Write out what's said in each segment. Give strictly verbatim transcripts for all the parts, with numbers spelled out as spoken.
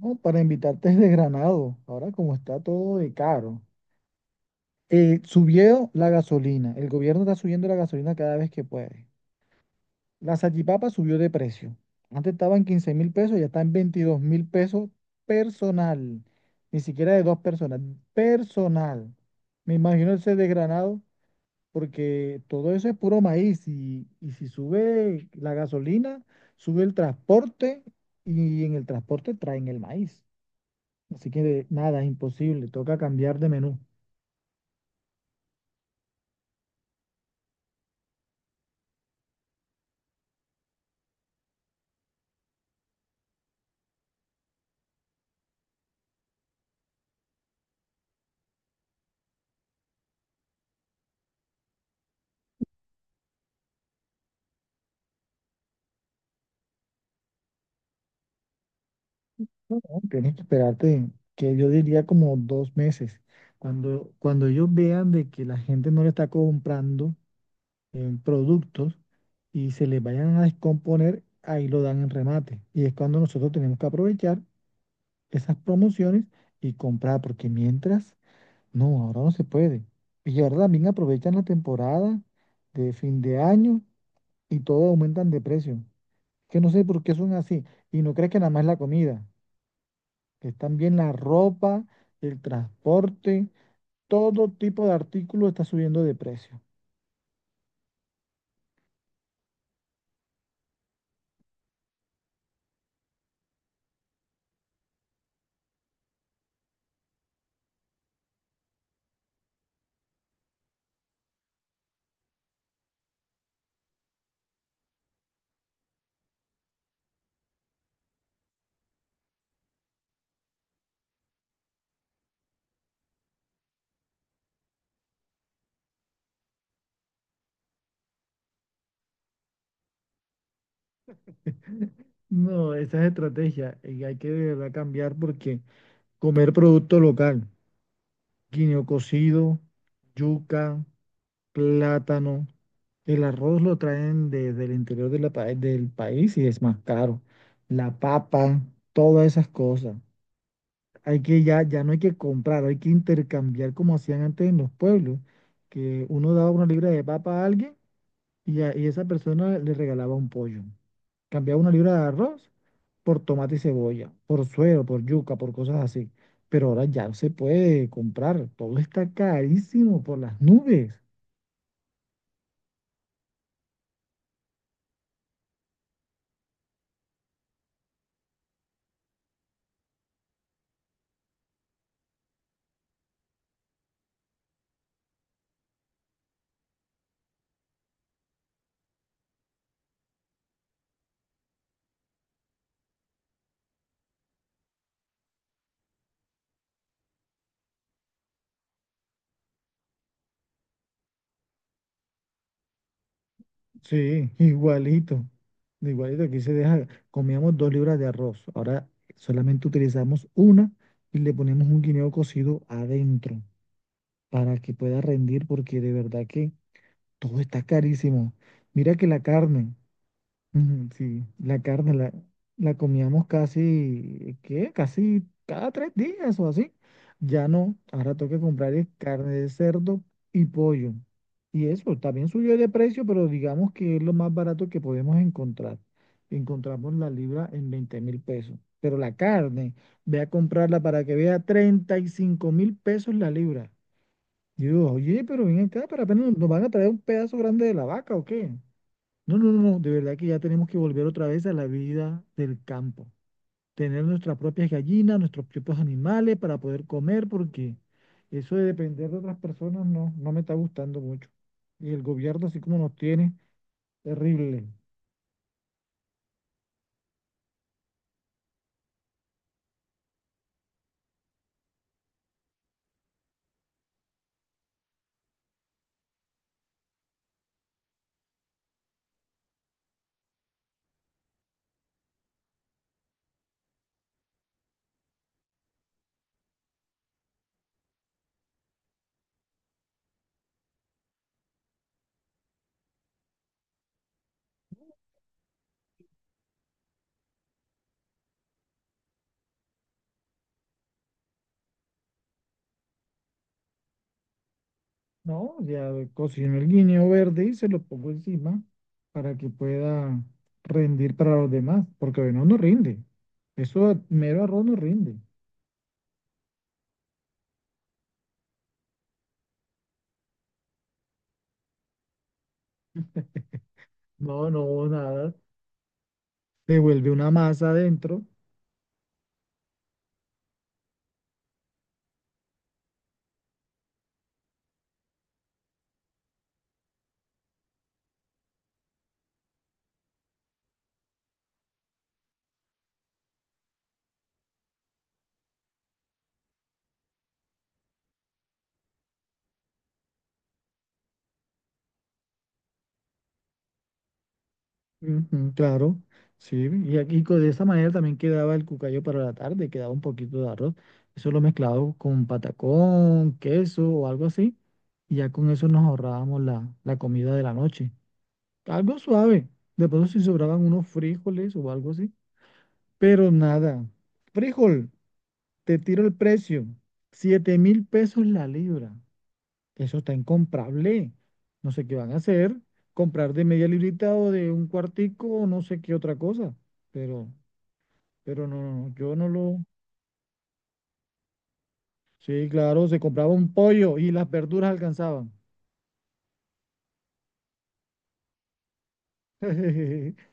No, para invitarte es de Granado. Ahora como está todo de caro. Eh, subió la gasolina. El gobierno está subiendo la gasolina cada vez que puede. La salchipapa subió de precio. Antes estaba en quince mil pesos, ya está en veintidós mil pesos personal. Ni siquiera de dos personas. Personal. Me imagino el ser de Granado, porque todo eso es puro maíz. Y, y si sube la gasolina, sube el transporte y en el transporte traen el maíz. Así que nada, imposible, toca cambiar de menú. No, no, tienes que esperarte, que yo diría como dos meses. Cuando, cuando ellos vean de que la gente no le está comprando eh, productos y se les vayan a descomponer, ahí lo dan en remate. Y es cuando nosotros tenemos que aprovechar esas promociones y comprar, porque mientras, no, ahora no se puede. Y ahora también aprovechan la temporada de fin de año y todo aumentan de precio, que no sé por qué son así. Y no crees que nada más la comida, que están bien la ropa, el transporte, todo tipo de artículos está subiendo de precio. No, esa es estrategia y hay que de verdad cambiar porque comer producto local, guineo cocido, yuca, plátano, el arroz lo traen desde el interior de la pa- del país y es más caro. La papa, todas esas cosas. Hay que ya, ya no hay que comprar, hay que intercambiar como hacían antes en los pueblos, que uno daba una libra de papa a alguien y, a- y esa persona le regalaba un pollo. Cambiaba una libra de arroz por tomate y cebolla, por suero, por yuca, por cosas así. Pero ahora ya no se puede comprar, todo está carísimo por las nubes. Sí, igualito, igualito, aquí se deja, comíamos dos libras de arroz, ahora solamente utilizamos una y le ponemos un guineo cocido adentro, para que pueda rendir, porque de verdad que todo está carísimo. Mira que la carne, ujú, sí, la carne la, la comíamos casi, ¿qué? Casi cada tres días o así. Ya no, ahora toca comprar es carne de cerdo y pollo. Y eso también subió de precio, pero digamos que es lo más barato que podemos encontrar. Encontramos la libra en veinte mil pesos. Pero la carne, ve a comprarla para que vea treinta y cinco mil pesos la libra. Y yo, oye, pero ven acá, para apenas nos nos van a traer un pedazo grande de la vaca o qué. No, no, no, de verdad que ya tenemos que volver otra vez a la vida del campo. Tener nuestras propias gallinas, nuestros propios animales para poder comer, porque eso de depender de otras personas no, no me está gustando mucho. Y el gobierno, así como nos tiene, terrible. No, ya cocino el guineo verde y se lo pongo encima para que pueda rendir para los demás, porque no, no rinde. Eso mero arroz no rinde. No, no, nada, se vuelve una masa adentro, ujú, claro, sí, y aquí co- de esa manera también quedaba el cucayo para la tarde, quedaba un poquito de arroz, eso lo mezclado con patacón, queso o algo así, y ya con eso nos ahorrábamos la, la comida de la noche, algo suave, de pronto si sobraban unos frijoles o algo así, pero nada, frijol, te tiro el precio, siete mil pesos la libra. Eso está incomprable. No sé qué van a hacer. Comprar de media librita o de un cuartico o no sé qué otra cosa. Pero, pero no, no, no, yo no lo. Sí, claro, se compraba un pollo y las verduras alcanzaban.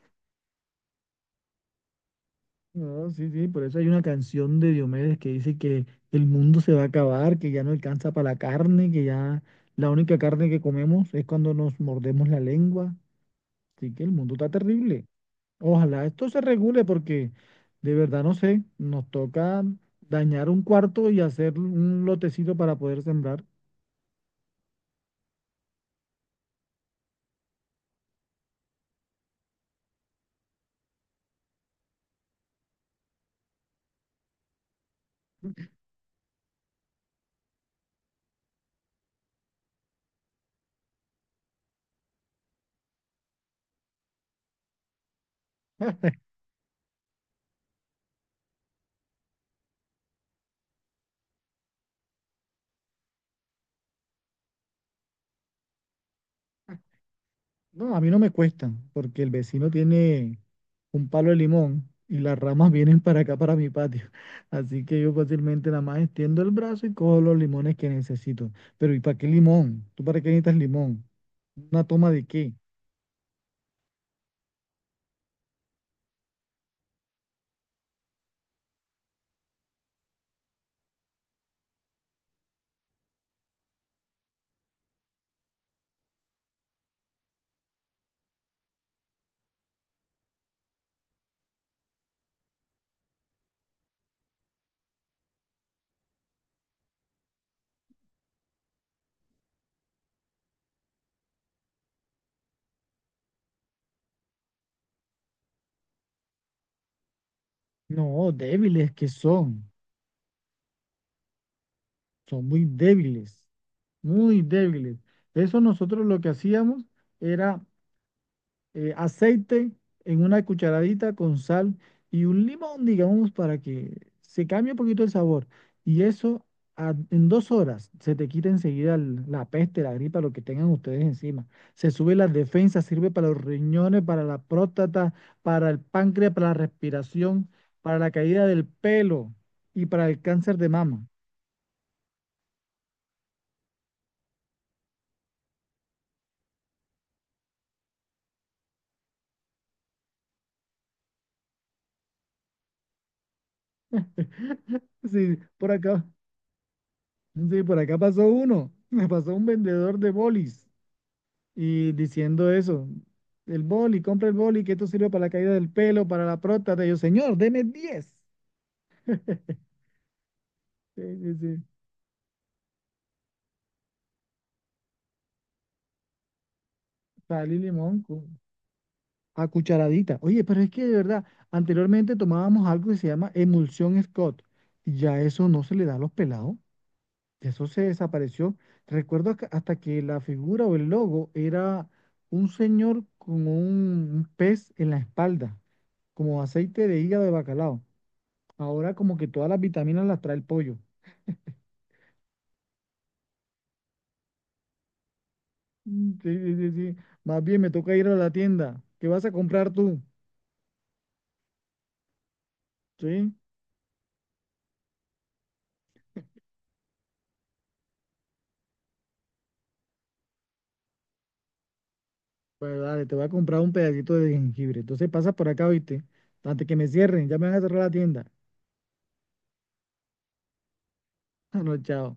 No, sí, sí, por eso hay una canción de Diomedes que dice que el mundo se va a acabar, que ya no alcanza para la carne, que ya la única carne que comemos es cuando nos mordemos la lengua. Así que el mundo está terrible. Ojalá esto se regule porque de verdad no sé, nos toca dañar un cuarto y hacer un lotecito para poder sembrar. No, a mí no me cuesta porque el vecino tiene un palo de limón y las ramas vienen para acá, para mi patio. Así que yo fácilmente nada más extiendo el brazo y cojo los limones que necesito. Pero ¿y para qué limón? ¿Tú para qué necesitas limón? ¿Una toma de qué? No, débiles que son. Son muy débiles, muy débiles. Eso nosotros lo que hacíamos era eh, aceite en una cucharadita con sal y un limón, digamos, para que se cambie un poquito el sabor. Y eso a- en dos horas se te quita enseguida el- la peste, la gripa, lo que tengan ustedes encima. Se sube las defensas, sirve para los riñones, para la próstata, para el páncreas, para la respiración, para la caída del pelo y para el cáncer de mama. Sí, por acá, sí, por acá pasó uno. Me pasó un vendedor de bolis, y diciendo eso, el boli, compra el boli, que esto sirve para la caída del pelo, para la próstata. Y yo, señor, deme diez. Sí, sí, sí. Sal y limón cu- a cucharadita. Oye, pero es que de verdad, anteriormente tomábamos algo que se llama emulsión Scott, y ya eso no se le da a los pelados. Eso se desapareció. Recuerdo que- hasta que la figura o el logo era un señor con un un pez en la espalda, como aceite de hígado de bacalao. Ahora como que todas las vitaminas las trae el pollo. Mm, sí, sí, sí, sí. Más bien me toca ir a la tienda. ¿Qué vas a comprar tú? Sí. Pues dale, te voy a comprar un pedacito de jengibre. Entonces pasa por acá, ¿viste? Antes que me cierren, ya me van a cerrar la tienda. No, chao.